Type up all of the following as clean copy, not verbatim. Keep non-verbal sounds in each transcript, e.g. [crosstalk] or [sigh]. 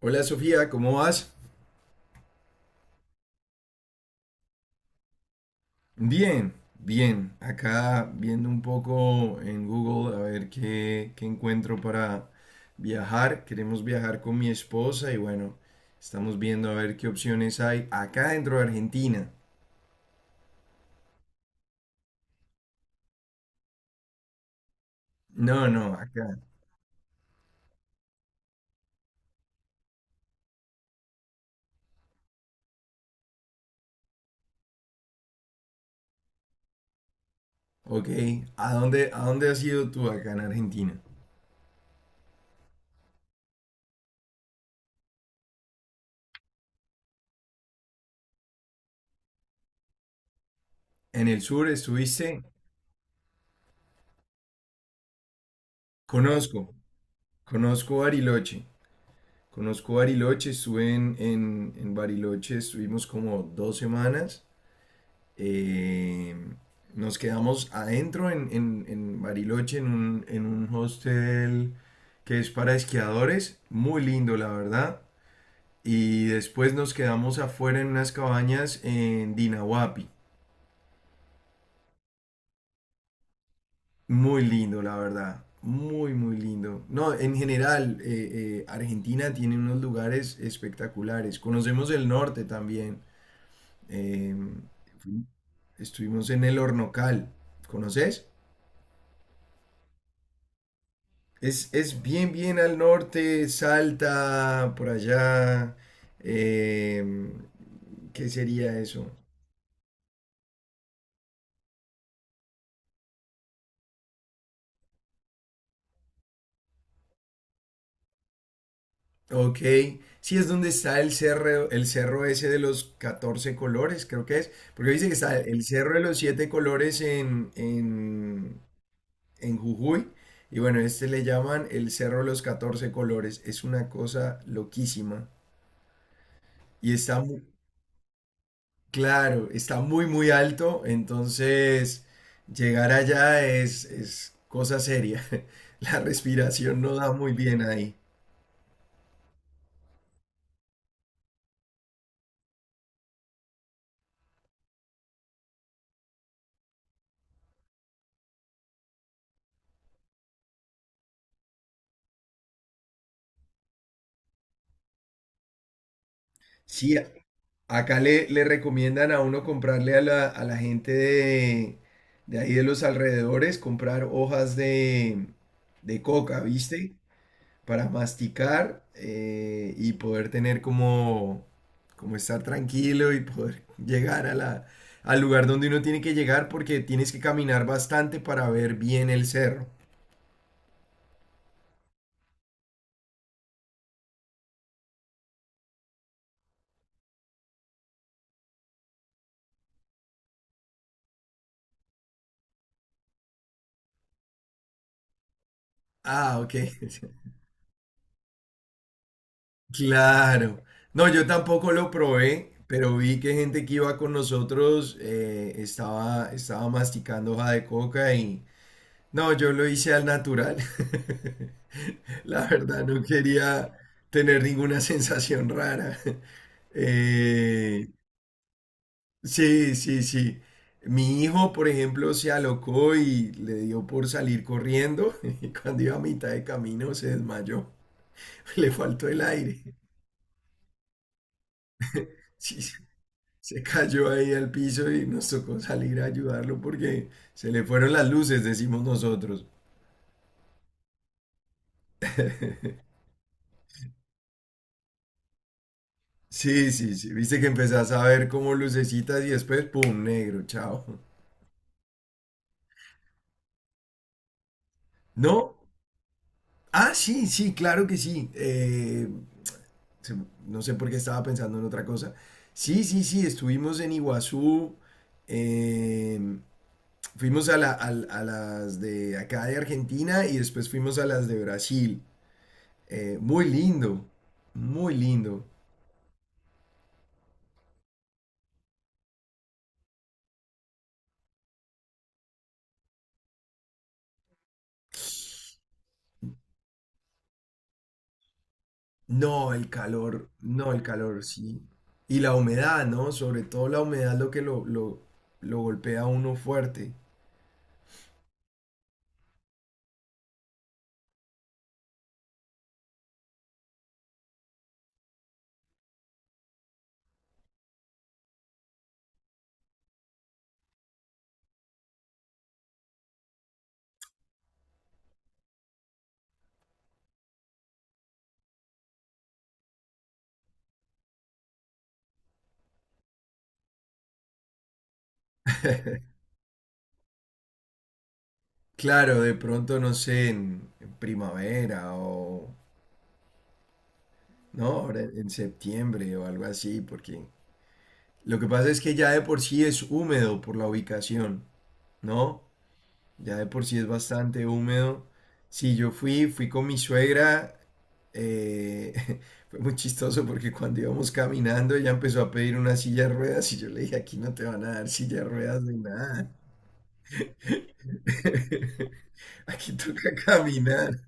Hola Sofía, ¿cómo vas? Bien, bien. Acá viendo un poco en Google a ver qué encuentro para viajar. Queremos viajar con mi esposa y bueno, estamos viendo a ver qué opciones hay acá dentro de Argentina. No, no, acá. Ok. ¿A dónde has ido tú acá en Argentina? En el sur estuviste. Conozco, conozco Bariloche. Conozco Bariloche, estuve en Bariloche, estuvimos como dos semanas. Eh, Nos quedamos adentro en Bariloche, en un hostel que es para esquiadores, muy lindo la verdad. Y después nos quedamos afuera en unas cabañas en Dinahuapi, muy lindo la verdad, muy muy lindo. No, en general, Argentina tiene unos lugares espectaculares. Conocemos el norte también. eh, fu- Estuvimos en el Hornocal, ¿conoces? Es, bien, bien al norte, Salta, por allá. eh, ¿Qué sería eso? Ok, sí, es donde está el cerro ese de los 14 colores, creo que es. Porque dice que está el cerro de los 7 colores en Jujuy. Y bueno, este le llaman el cerro de los 14 colores. Es una cosa loquísima. Y está, claro, está muy, muy alto, entonces llegar allá es cosa seria. [laughs] La respiración no da muy bien ahí. Sí, a- Acá le recomiendan a uno comprarle a la gente de ahí de los alrededores, comprar hojas de coca, ¿viste? Para masticar y poder tener como, como estar tranquilo y poder [laughs] llegar a la, al lugar donde uno tiene que llegar porque tienes que caminar bastante para ver bien el cerro. Ah, ok. [laughs] Claro. No, yo tampoco lo probé, pero vi que gente que iba con nosotros estaba masticando hoja de coca y... No, yo lo hice al natural. [laughs] La verdad, no quería tener ninguna sensación rara. [laughs] Eh, sí, sí, sí. Mi hijo, por ejemplo, se alocó y le dio por salir corriendo [laughs] y cuando iba a mitad de camino se desmayó. [laughs] Le faltó el aire. [laughs] Sí, sí, se cayó ahí al piso y nos tocó salir a ayudarlo porque se le fueron las luces, decimos nosotros. Sí, sí, sí. Viste que empezás a ver como lucecitas y después, ¡pum!, negro, chao. ¿No? Ah, sí, sí, claro que sí. Se- no sé por qué estaba pensando en otra cosa. Sí, sí, sí, estuvimos en Iguazú, eh, fuimos a, a las de acá de Argentina y después fuimos a las de Brasil. Muy lindo, muy lindo. No, el calor, no, el calor, sí. Y la humedad, ¿no? Sobre todo la humedad lo que lo golpea a uno fuerte. Claro, de pronto, no sé, en primavera o, ¿no? Ahora en septiembre o algo así, porque lo que pasa es que ya de por sí es húmedo por la ubicación, ¿no? Ya de por sí es bastante húmedo. Sí, yo fui, fui con mi suegra. eh, [laughs] Fue muy chistoso porque cuando íbamos caminando ella empezó a pedir una silla de ruedas y yo le dije, aquí no te van a dar silla de ruedas ni nada. [laughs] Aquí toca caminar.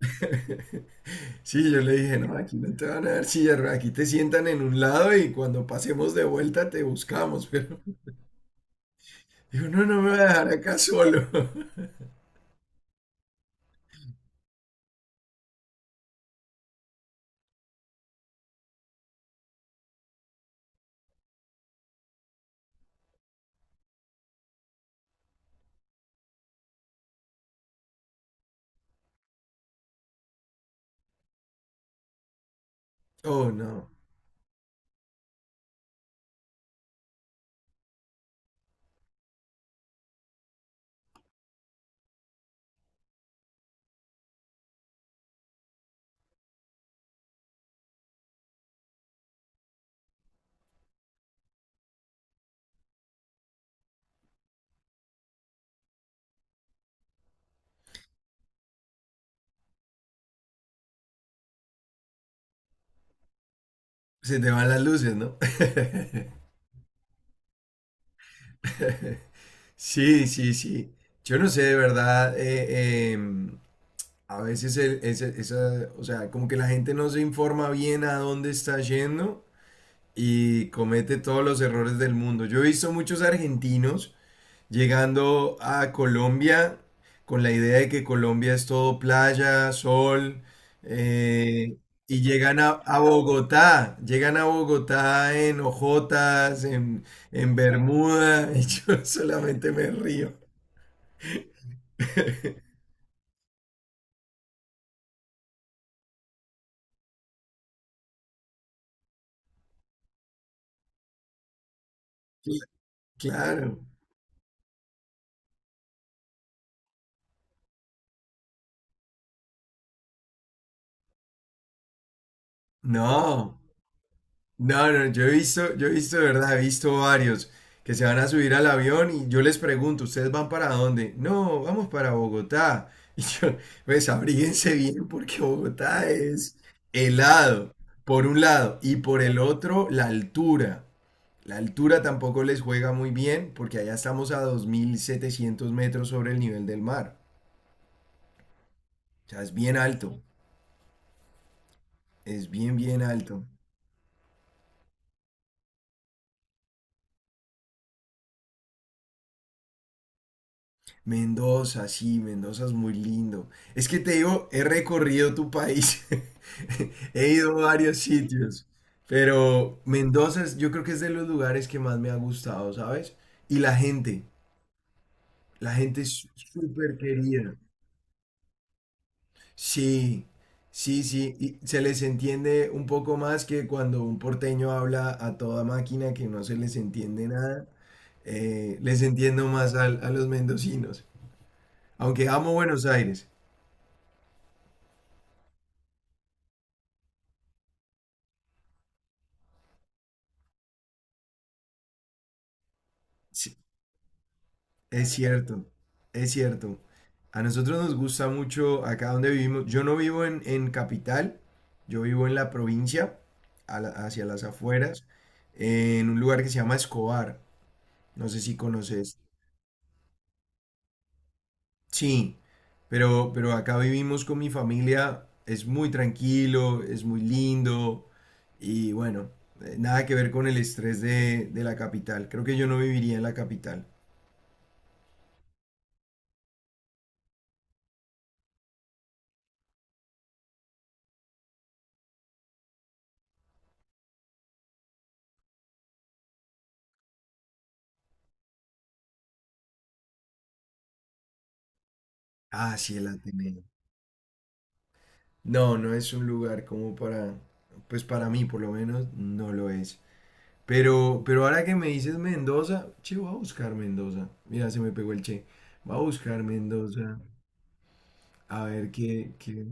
[laughs] Sí, yo le dije, no, aquí no te van a dar silla de ruedas, aquí te sientan en un lado y cuando pasemos de vuelta te buscamos, [laughs] pero digo, no, no me voy a dejar acá solo. [laughs] Oh, no. Se te van las luces, ¿no? [laughs] Sí, sí, sí. Yo no sé, de verdad. A veces esa, o sea, como que la gente no se informa bien a dónde está yendo y comete todos los errores del mundo. Yo he visto muchos argentinos llegando a Colombia con la idea de que Colombia es todo playa, sol, eh, y llegan a Bogotá, llegan a Bogotá en ojotas, en Bermuda, [laughs] y yo solamente me río. Cl- Claro, no. No, no, yo he visto, de verdad, he visto varios que se van a subir al avión y yo les pregunto, ¿ustedes van para dónde? No, vamos para Bogotá. [laughs] Y yo, pues abríguense bien porque Bogotá es helado, por un lado, y por el otro, la altura. La altura tampoco les juega muy bien porque allá estamos a 2.700 metros sobre el nivel del mar. O sea, es bien alto, es bien, bien alto. Mendoza, sí, Mendoza es muy lindo. Es que te digo, he recorrido tu país, [laughs] he ido a varios sitios, pero Mendoza es- yo creo que es de los lugares que más me ha gustado, ¿sabes? Y la gente es súper querida. Sí, sí, sí, y se les entiende un poco más que cuando un porteño habla a toda máquina que no se les entiende nada. Les entiendo más al- a los mendocinos, aunque amo Buenos Aires. Sí, es cierto, es cierto. A nosotros nos gusta mucho acá donde vivimos. Yo no vivo en capital, yo vivo en la provincia, hacia las afueras, en un lugar que se llama Escobar. No sé si conoces. Sí, pero acá vivimos con mi familia. Es muy tranquilo, es muy lindo y bueno, nada que ver con el estrés de la capital. Creo que yo no viviría en la capital. Ah, sí, el Ateneo. No, no es un lugar como para, pues para mí por lo menos no lo es. Pero ahora que me dices Mendoza, che, voy a buscar Mendoza. Mira, se me pegó el che. Voy a buscar Mendoza. A ver qué.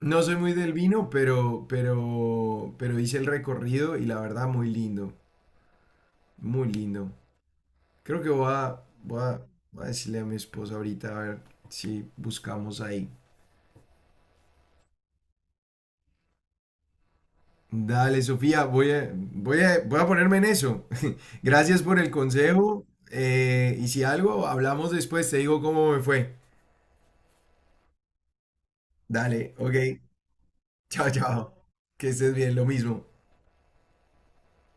No soy muy del vino, pero, pero hice el recorrido y la verdad muy lindo. Muy lindo. Creo que voy a decirle a mi esposa ahorita a ver si buscamos ahí. Dale, Sofía, voy a ponerme en eso. [laughs] Gracias por el consejo. Y si algo, hablamos después, te digo cómo me fue. Dale, ok. Chao, chao. Que estés bien, lo mismo.